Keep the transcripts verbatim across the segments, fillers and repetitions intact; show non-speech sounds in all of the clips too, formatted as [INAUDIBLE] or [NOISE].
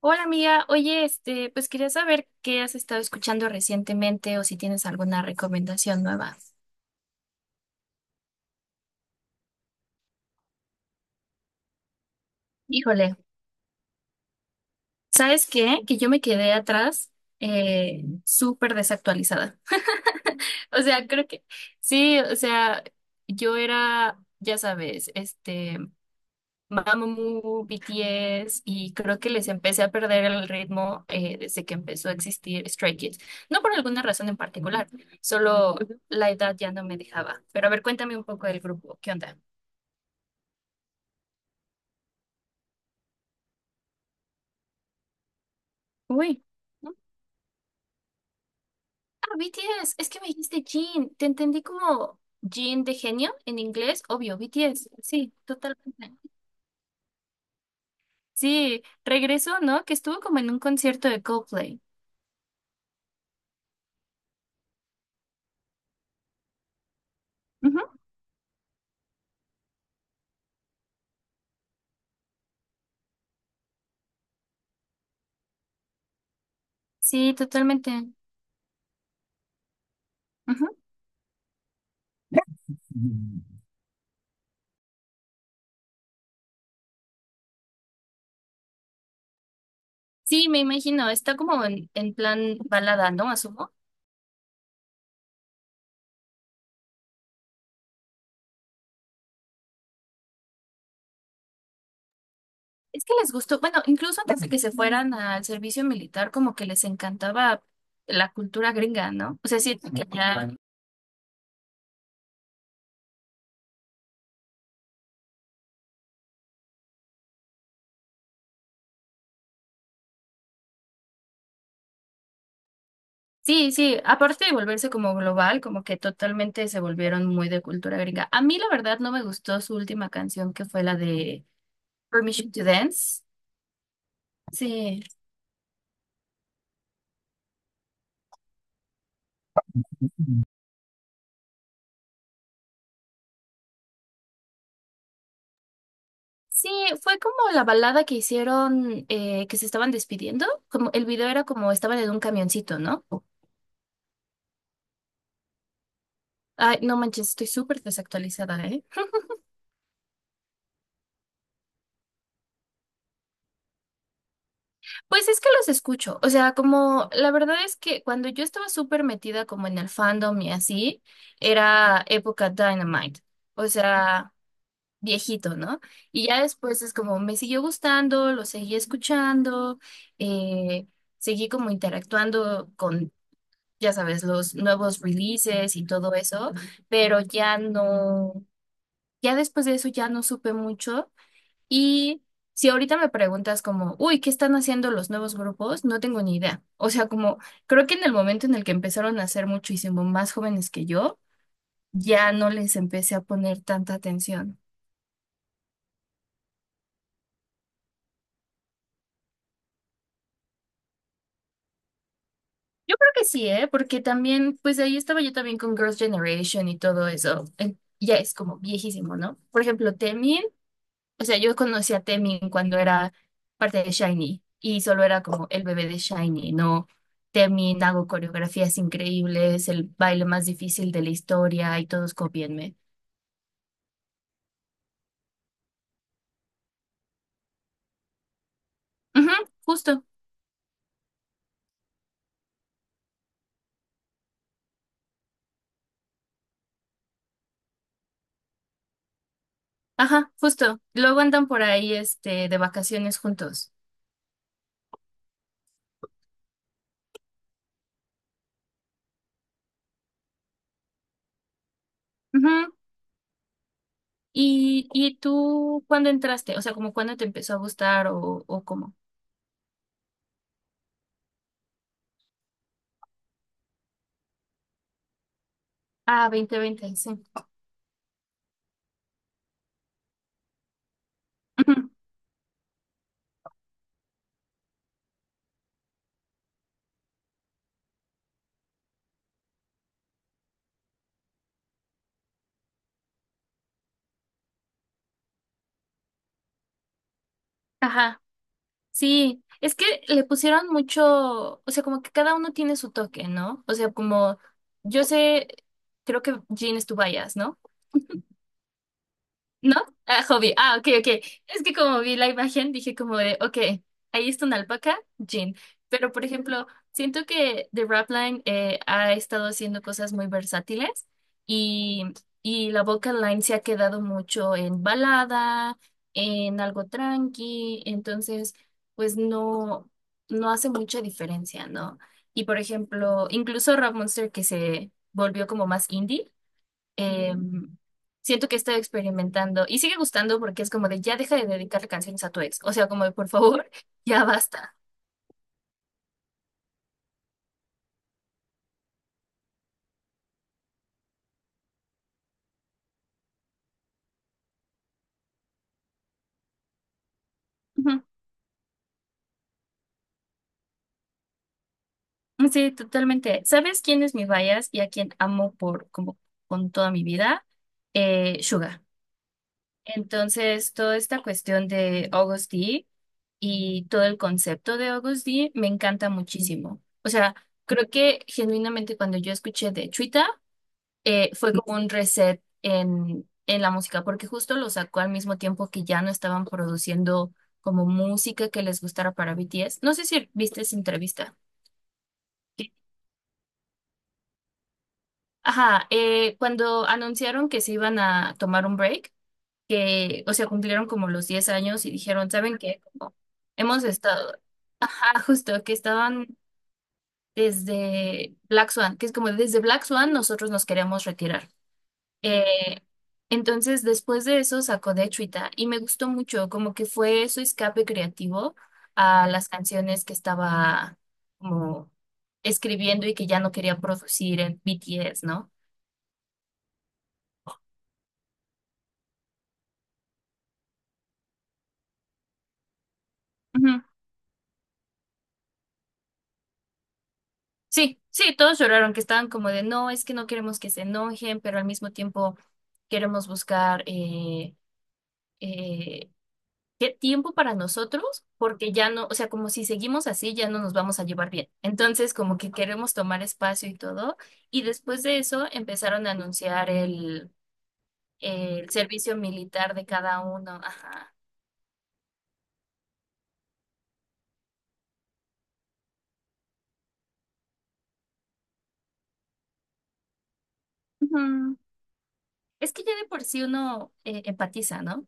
Hola amiga, oye, este, pues quería saber qué has estado escuchando recientemente o si tienes alguna recomendación nueva. Híjole, ¿sabes qué? Que yo me quedé atrás, eh, súper desactualizada. [LAUGHS] O sea, creo que sí, o sea, yo era, ya sabes, este. Mamamoo, B T S, y creo que les empecé a perder el ritmo eh, desde que empezó a existir Stray Kids. No por alguna razón en particular, solo la edad ya no me dejaba. Pero a ver, cuéntame un poco del grupo, ¿qué onda? Uy, ¿no? Ah, B T S, es que me dijiste Jin, te entendí como Jin de genio en inglés, obvio, B T S, sí, totalmente. Sí, regresó, ¿no? Que estuvo como en un concierto de Coldplay. Ujú, sí, totalmente. Ujú. [LAUGHS] Sí, me imagino, está como en, en plan balada, ¿no? Asumo. Es que les gustó, bueno, incluso antes de que se fueran al servicio militar, como que les encantaba la cultura gringa, ¿no? O sea, sí, que ya... Sí, sí, aparte de volverse como global, como que totalmente se volvieron muy de cultura gringa. A mí la verdad no me gustó su última canción, que fue la de Permission to Dance. Sí. Sí, fue como la balada que hicieron, eh, que se estaban despidiendo, como el video era como estaban en un camioncito, ¿no? Ay, no manches, estoy súper desactualizada, ¿eh? Pues es que los escucho, o sea, como la verdad es que cuando yo estaba súper metida como en el fandom y así, era época Dynamite, o sea, viejito, ¿no? Y ya después es como me siguió gustando, lo seguí escuchando, eh, seguí como interactuando con, ya sabes, los nuevos releases y todo eso, pero ya no, ya después de eso ya no supe mucho. Y si ahorita me preguntas como, uy, ¿qué están haciendo los nuevos grupos? No tengo ni idea. O sea, como creo que en el momento en el que empezaron a ser muchísimo más jóvenes que yo, ya no les empecé a poner tanta atención. Yo creo que sí, ¿eh? Porque también, pues ahí estaba yo también con Girls' Generation y todo eso. Eh, Ya es como viejísimo, ¿no? Por ejemplo, Temi o sea, yo conocí a Temin cuando era parte de Shiny y solo era como el bebé de Shiny, ¿no? Temin, hago coreografías increíbles, el baile más difícil de la historia y todos copienme. Ujú, justo, ajá, justo. Luego andan por ahí este, de vacaciones juntos. Ujú. ¿Y, y tú cuándo entraste? O sea, como cuándo te empezó a gustar o, o cómo. Ah, dos mil veinte, sí. Ujú, ajá. Sí, es que le pusieron mucho, o sea, como que cada uno tiene su toque, ¿no? O sea, como yo sé, creo que Jean es tu bias, ¿no? ¿No? Ah, hobby. Ah, ok, ok. Es que como vi la imagen, dije como de, ok, ahí está una alpaca, jean. Pero, por ejemplo, siento que The Rap Line eh, ha estado haciendo cosas muy versátiles y, y la vocal line se ha quedado mucho en balada, en algo tranqui. Entonces, pues no, no hace mucha diferencia, ¿no? Y, por ejemplo, incluso Rap Monster que se volvió como más indie, eh, siento que he estado experimentando y sigue gustando porque es como de ya deja de dedicarle canciones a tu ex. O sea, como de por favor, [LAUGHS] ya basta. Ujú. Sí, totalmente. ¿Sabes quién es mi bias y a quién amo por como con toda mi vida? Eh, Suga. Entonces, toda esta cuestión de August D y todo el concepto de August D me encanta muchísimo. O sea, creo que genuinamente cuando yo escuché de Chuita eh, fue como un reset en, en, la música, porque justo lo sacó al mismo tiempo que ya no estaban produciendo como música que les gustara para B T S. No sé si viste esa entrevista. Sí. Ajá, eh, cuando anunciaron que se iban a tomar un break, que, o sea, cumplieron como los diez años y dijeron, ¿saben qué? Como hemos estado, [LAUGHS] ajá, justo, que estaban desde Black Swan, que es como desde Black Swan nosotros nos queremos retirar. Eh, entonces, después de eso sacó De Chuita y me gustó mucho, como que fue su escape creativo a las canciones que estaba como escribiendo y que ya no quería producir en B T S, ¿no? Ujú. Sí, sí, todos lloraron, que estaban como de, no, es que no queremos que se enojen, pero al mismo tiempo queremos buscar, eh, eh, ¿qué tiempo para nosotros? Porque ya no, o sea, como si seguimos así, ya no nos vamos a llevar bien. Entonces, como que queremos tomar espacio y todo. Y después de eso empezaron a anunciar el, el servicio militar de cada uno. Ajá. Ujú. Es que ya de por sí uno eh, empatiza, ¿no?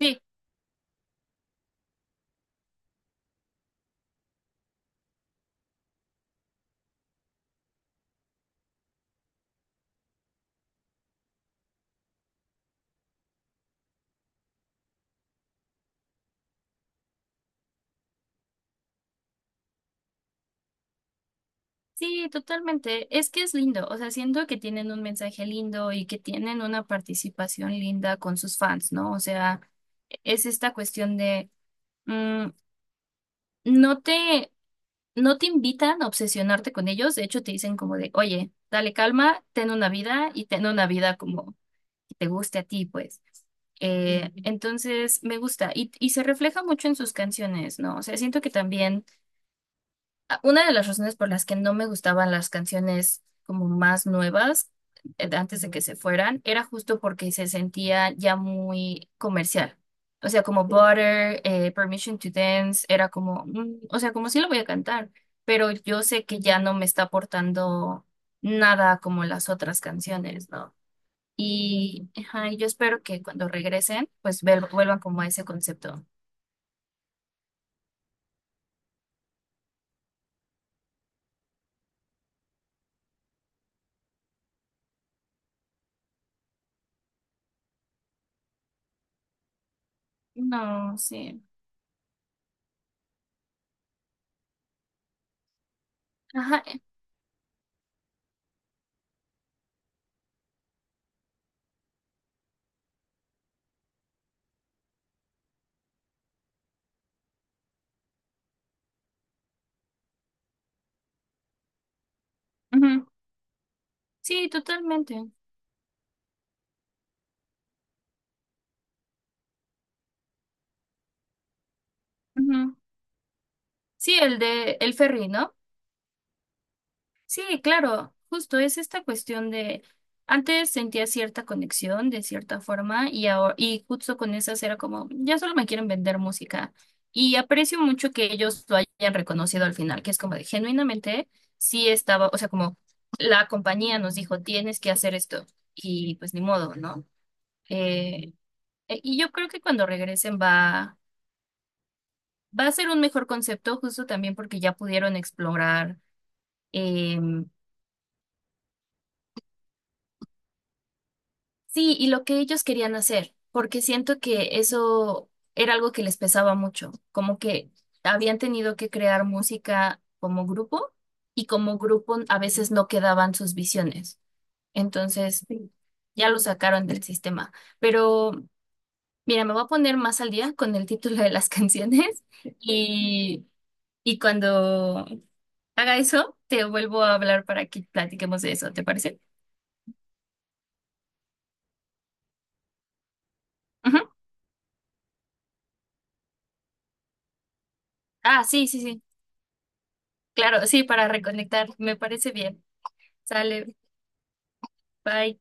Sí, sí, totalmente. Es que es lindo. O sea, siento que tienen un mensaje lindo y que tienen una participación linda con sus fans, ¿no? O sea, e-, es esta cuestión de... mm, no te no te invitan a obsesionarte con ellos, de hecho te dicen como de, oye, dale calma, ten una vida y ten una vida como que te guste a ti, pues. Eh, Ujú. Entonces me gusta y, y se refleja mucho en sus canciones, ¿no? O sea, siento que también, a- una de las razones por las que no me gustaban las canciones como más nuevas, eh, de antes de que se fueran, era justo porque se sentía ya muy comercial. O sea, como Butter, eh, Permission to Dance, era como, mm, o sea, como sí lo voy a cantar, pero yo sé que ya no me está aportando nada como las otras canciones, ¿no? Y ajá, y yo espero que cuando regresen, pues vel- vuelvan como a ese concepto. No, sí. Ajá. Eh, ujú. Sí, totalmente. Ujú. Sí, el de el ferry, ¿no? Sí, claro, justo es esta cuestión de antes, sentía cierta conexión de cierta forma y ahora, y justo con esas era como ya solo me quieren vender música, y aprecio mucho que ellos lo hayan reconocido al final, que es como de genuinamente sí estaba, o sea, como la compañía nos dijo tienes que hacer esto y pues ni modo, ¿no? Eh, e- y yo creo que cuando regresen va va a ser un mejor concepto, justo también porque ya pudieron explorar em, Sí, y lo que ellos querían hacer, porque siento que eso era algo que les pesaba mucho, como que habían tenido que crear música como grupo y como grupo a veces no quedaban sus visiones. Entonces, sí, ya lo sacaron del sistema. Pero mira, me voy a poner más al día con el título de las [LAUGHS] canciones y, y cuando haga eso, te vuelvo a hablar para que platiquemos de eso, ¿te parece? Ujú. Ah, sí, sí, sí. Claro, sí, para reconectar, me parece bien. Sale, bye.